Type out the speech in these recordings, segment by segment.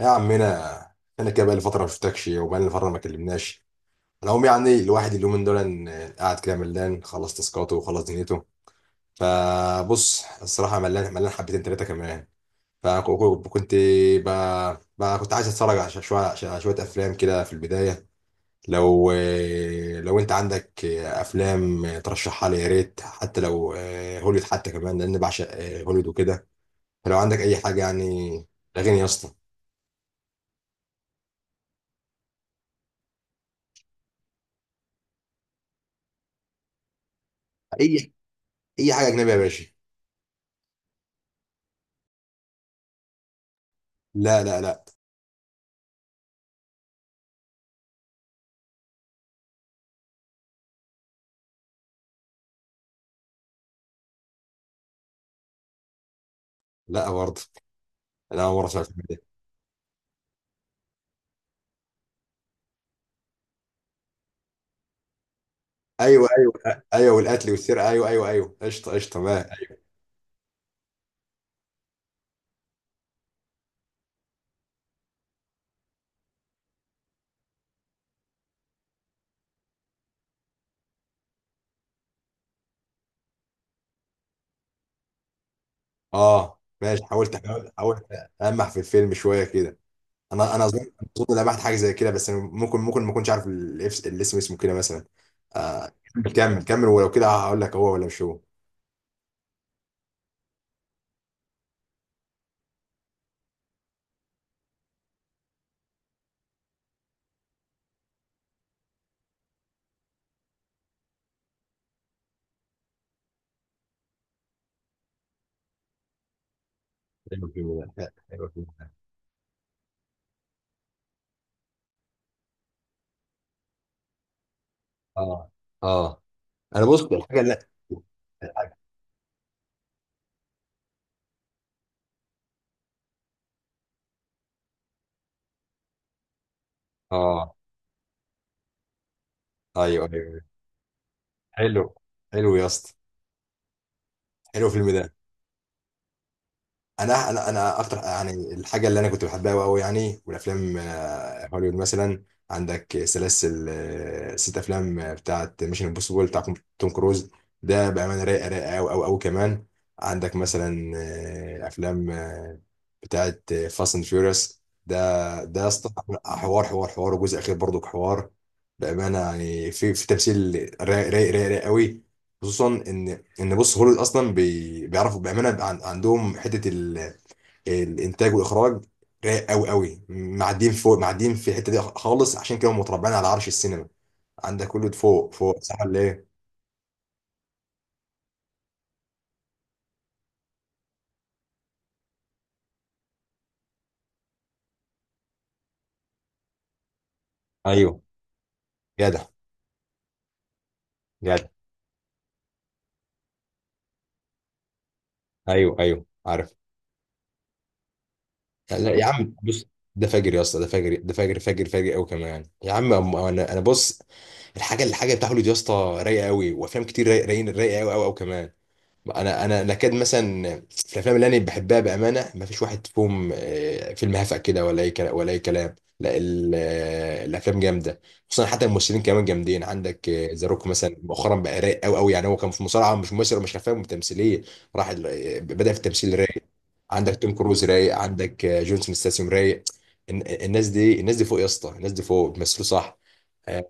يا عمنا، انا كده بقالي فتره ما شفتكش وبقالي فتره ما كلمناش. العموم، يعني الواحد اليومين دول قاعد كده ملان، خلص تاسكاته وخلص دنيته. فبص، الصراحه ملان ملان حبتين ثلاثه كمان. فكنت بقى كنت عايز اتفرج على شويه افلام كده في البدايه. لو لو انت عندك افلام ترشحها لي يا ريت، حتى لو هوليود حتى كمان، لان بعشق هوليود وكده. فلو عندك اي حاجه يعني لغيني يا اسطى. اي اي حاجه اجنبيه يا باشا. لا لا لا. لا برضه. انا اول مره سمعت كده. ايوه ايوه ايوه، والقتل والسرقه، ايوه ايوه ايوه، قشطه قشطه، ما أيوة. اه ماشي، حاولت حاولت حاولت. المح في الفيلم شويه كده. انا اظن لمحت حاجه زي كده، بس أنا ممكن ما اكونش عارف الاسم، اسمه كده مثلا. آه كمل كمل كمل، ولو كده هقول لك هو ولا مش هو. ايوه الفيلم ده، ايوه الفيلم ده. اه اه. انا بص، الحاجه اللي الحاجه. اه ايوه ايوه. حلو، حلو يا اسطى. حلو الفيلم ده. انا اكتر يعني، الحاجه اللي انا كنت بحبها قوي قوي يعني، والافلام هوليوود مثلا. عندك سلاسل، ست افلام بتاعت ميشن امبوسيبل بتاع توم كروز، ده بامانه رايقه رايقه قوي قوي قوي كمان. عندك مثلا افلام بتاعت فاست اند فيوريوس، ده يا اسطى حوار حوار حوار، وجزء اخير برضو حوار. بامانه يعني في تمثيل رايق رايق رايق رايق قوي. خصوصا ان بص، هوليوود اصلا بيعرفوا بامانه، عندهم حته الانتاج والاخراج رايق قوي قوي، معديين فوق، معديين في الحته دي خالص، عشان كده هم متربعين على عرش السينما. عندك كله فوق فوق، صح ولا ايه؟ ايوه جدع جدع. ايوه ايوه عارف. لا لا يا عم، بص. ده فاجر يا اسطى، ده فاجر، ده فاجر فاجر فاجر قوي كمان يعني. يا عم انا بص، الحاجه بتاع هوليوود يا اسطى رايقه قوي، وافلام كتير رايقين، رايقه قوي قوي قوي كمان. انا نكاد مثلا، في الافلام اللي انا بحبها بامانه ما فيش واحد فيهم فيلم هفأ كده، ولا اي كلام ولا اي كلام. لا، الافلام جامده، خصوصا حتى الممثلين كمان جامدين. عندك ذا روك مثلا، مؤخرا بقى رايق قوي قوي، يعني هو كان في مصارعه، مش ممثل ومش افلام تمثيليه، راح بدأ في التمثيل رايق. عندك توم كروز رايق، عندك جونسون ستاسيوم رايق. الناس دي فوق يا اسطى، الناس دي فوق بيمثلوا صح. آه،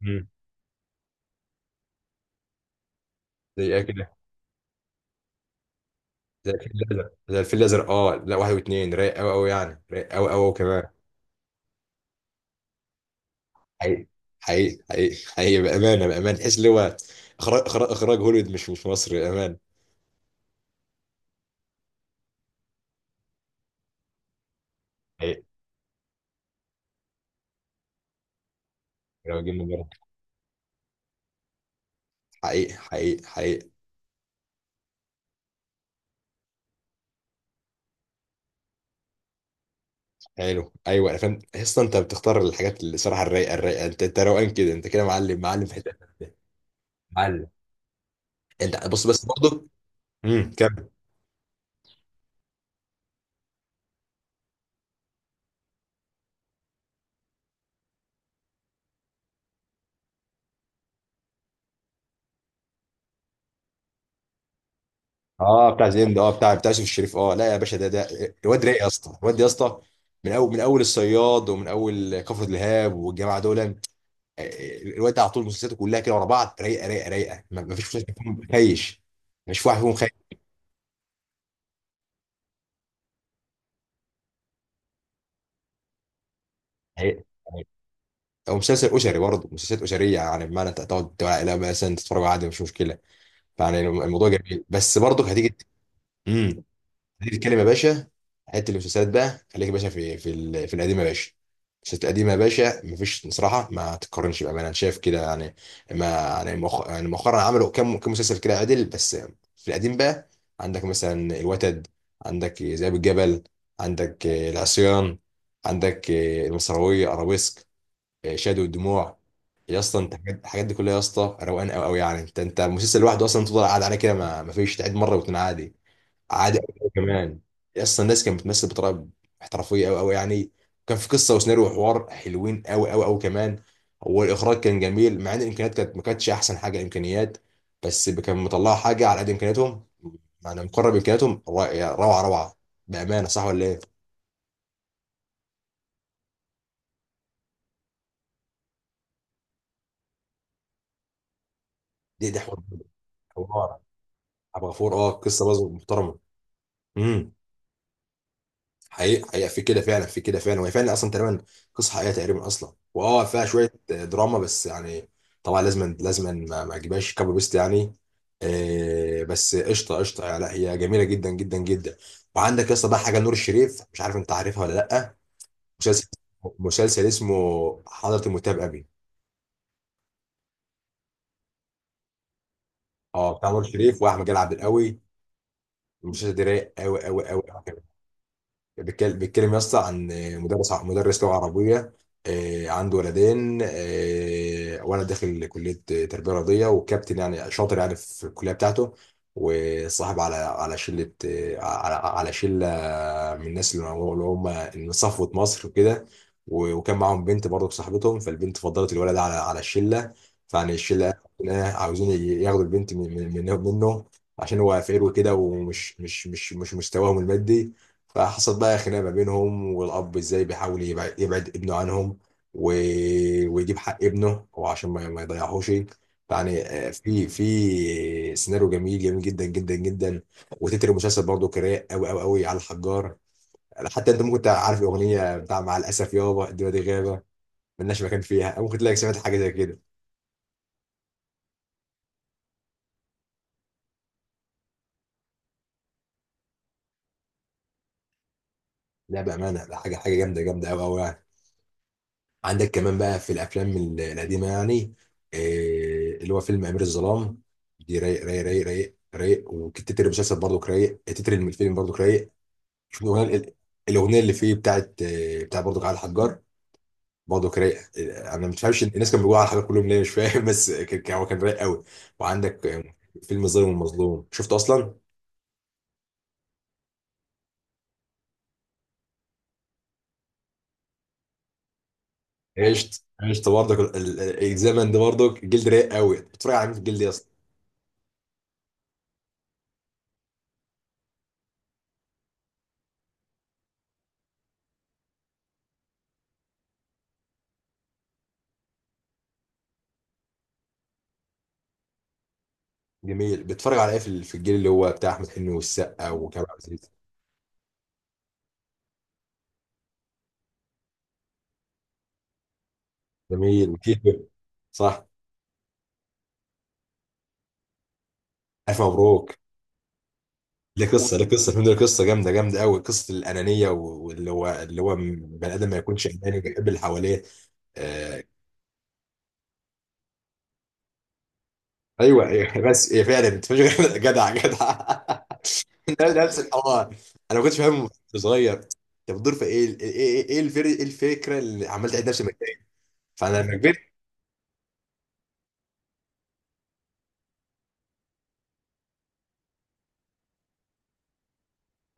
مم. زي كده. زي الفيل الازرق، زي الفيل الازرق، اه لا، واحد واثنين رايق قوي قوي يعني، رايق قوي قوي كمان. حقيقي حقيقي حقيقي حقيقي، بامانه بامانه، تحس اللي هو اخراج اخراج إخراج هوليوود، مش مصري بامانه. حقيقي. لو جبنا بره حقيقي حقيقي حقيقي. حلو، ايوه انا فاهم، تحس انت بتختار الحاجات اللي الصراحه الرايقه الرايقه، انت روقان كده، انت كده معلم معلم في حته. معلم. انت بص، بس برضه. امم. اه بتاع زيند، اه بتاع يوسف الشريف، اه لا يا باشا، ده الواد رايق يا اسطى، الواد يا اسطى، من اول الصياد، ومن اول كفر الهاب والجماعه دول. الواد ده على طول مسلسلاته كلها كده ورا بعض رايقه رايقه رايقه، ما فيش مسلسل فيهم خيش. ما فيش واحد فيهم خيش. رايق. او مسلسل اسري برضه، مسلسلات اسريه يعني، بمعنى انت تقعد لا مثلا تتفرج عادي، مش مشكله. فيعني الموضوع جميل، بس برضه هتيجي. امم. هنيجي نتكلم يا باشا. حته المسلسلات بقى، خليك يا باشا في في القديم يا باشا، المسلسلات القديمه يا باشا مفيش بصراحه، ما تتقارنش بامانه، انا شايف كده يعني. ما يعني مؤخ- يعني مؤخرا عملوا كام كام مسلسل كده عدل، بس في القديم بقى عندك مثلا الوتد، عندك ذئاب الجبل، عندك العصيان، عندك المصراويه، ارابيسك، شادو الدموع. يا اسطى، انت الحاجات دي كلها يا اسطى روقان قوي قوي يعني، انت مسلسل لوحده اصلا تفضل قاعد عليه كده، ما فيش، تعيد مره واتنين عادي، عادي أوي كمان. اصلا الناس كانت بتمثل بطريقه احترافيه قوي قوي يعني، كان في قصه وسيناريو وحوار حلوين قوي قوي قوي كمان، والاخراج كان جميل. مع ان الامكانيات كانت ما كانتش احسن حاجه امكانيات، بس كان مطلعه حاجه على قد امكانياتهم، يعني مقرب امكانياتهم روعه روعه بامانه. صح ولا ايه؟ دي حوار، حوار. عبد الغفور، اه قصه برضه محترمه. امم. حقيقة حقيقة، في كده فعلا، في كده فعلا، وهي فعلا اصلا تقريبا قصة حقيقية تقريبا اصلا، واه فيها شوية دراما بس يعني، طبعا لازم لازم ما اجيبهاش كابو بيست يعني. آه بس قشطة قشطة يعني، لا هي جميلة جدا جدا جدا. وعندك يا اسطى بقى حاجة نور الشريف، مش عارف انت عارفها ولا لا، مسلسل مسلسل اسمه حضرة المتهم ابي، اه بتاع نور الشريف واحمد جلال عبد القوي، المسلسل ده رايق قوي قوي قوي. بيتكلم يا اسطى عن مدرس، مدرس لغه عربيه، عنده ولدين، ولد داخل كليه تربيه رياضيه، وكابتن يعني شاطر يعني في الكليه بتاعته، وصاحب على شله، على شله، من الناس اللي هم من صفوه مصر وكده، و- وكان معاهم بنت برضه صاحبتهم، فالبنت فضلت الولد على الشله. فيعني الشله عاوزين ياخدوا البنت منه، عشان هو فقير وكده ومش مش مستواهم المادي. فحصل بقى خناقه ما بينهم، والاب ازاي بيحاول يبعد ابنه عنهم، و، ويجيب حق ابنه وعشان ما يضيعهوش يعني. في سيناريو جميل جميل جدا جدا جدا، وتتر المسلسل برضه كراء قوي قوي قوي، على الحجار. حتى انت ممكن تبقى عارف الاغنيه بتاع مع الاسف يابا الدنيا دي غابه ملناش مكان فيها، أو ممكن تلاقي سمعت حاجه زي كده. لا بامانه، ده حاجه حاجه جامده جامده قوي قوي. عندك كمان بقى في الافلام القديمه يعني، اللي هو فيلم امير الظلام، دي رايق رايق رايق رايق رايق، وتتر المسلسل برضو رايق، تتر الفيلم برضو رايق. شوف الاغنيه الاغنيه اللي فيه، بتاعت بتاع برضو على الحجار، برضو رايق. انا مش فاهمش الناس كانوا بيقولوا على الحجار كلهم ليه، مش فاهم. بس هو كان رايق قوي. وعندك فيلم الظالم والمظلوم، شفته اصلا؟ عشت عشت برضك الزمن ده برضك، جلد رايق قوي. بتتفرج على مين في الجلد يا اسطى؟ جميل. بتتفرج على ايه في الجيل اللي هو بتاع احمد حلمي والسقا وكريم عبد العزيز؟ جميل، وتيتو، صح. الف مبروك. ليه قصه، ليه قصه الفيلم ده، ليه قصه جامده جامده قوي، قصه الانانيه، و- واللي هو اللي هو بني ادم ما يكونش اناني، بيحب اللي حواليه. آه. ايوه، أيوة، بس هي فعلا انت مش جدع جدع. ده نفس الحوار. انا ما كنتش فاهم وأنا صغير، انت بتدور في إيه الفكره اللي عمال تعيد نفس المكان. فانا لما كبرت.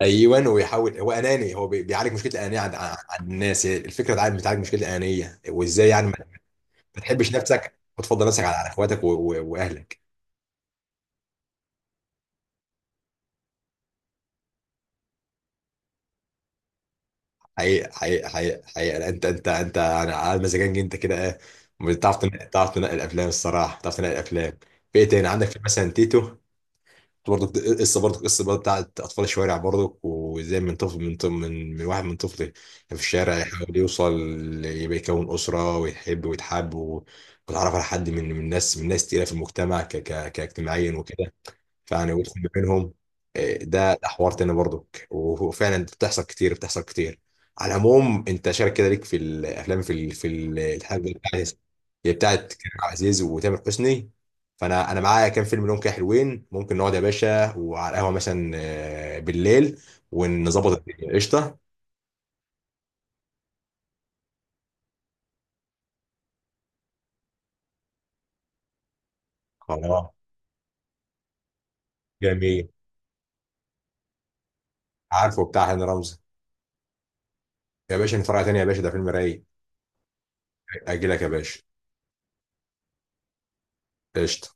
ايوه، ويحاول، هو اناني، هو بيعالج مشكله الانانيه عند عن عن الناس، هي الفكره بتعالج مشكله الانانيه، وازاي يعني ما تحبش نفسك وتفضل نفسك على اخواتك و- و- واهلك. حقيقي حقيقي حقيقي حقيقي، لا، انت يعني على مزاجنج انت كده. تعرف تنقل الافلام الصراحه، بتعرف تنقل الافلام. في ايه تاني عندك؟ في مثلا تيتو برضك، قصه برضك، قصه بقى بتاعت اطفال الشوارع برضك، وازاي من طفل من واحد، من طفل كان في الشارع يحاول يوصل يبقى يكون اسره، ويحب ويتحب، و- ويتعرف على حد من ناس تقيله في المجتمع ك ك كاجتماعيا وكده، فيعني وقفت ما بينهم. ده حوار تاني برضك، وفعلا بتحصل كتير، بتحصل كتير. على العموم، انت شارك كده ليك في الافلام، في الحاجه بتاعت، هي بتاعت كريم عبد العزيز وتامر حسني، فانا معايا كام فيلم لهم كده حلوين، ممكن نقعد يا باشا وعلى القهوه مثلا بالليل، ونظبط الدنيا قشطه. خلاص. جميل. عارفه بتاع هاني رمزي؟ يا باشا نتفرج عليه تاني يا باشا، ده فيلم رايق. اجي لك يا باشا. قشطه.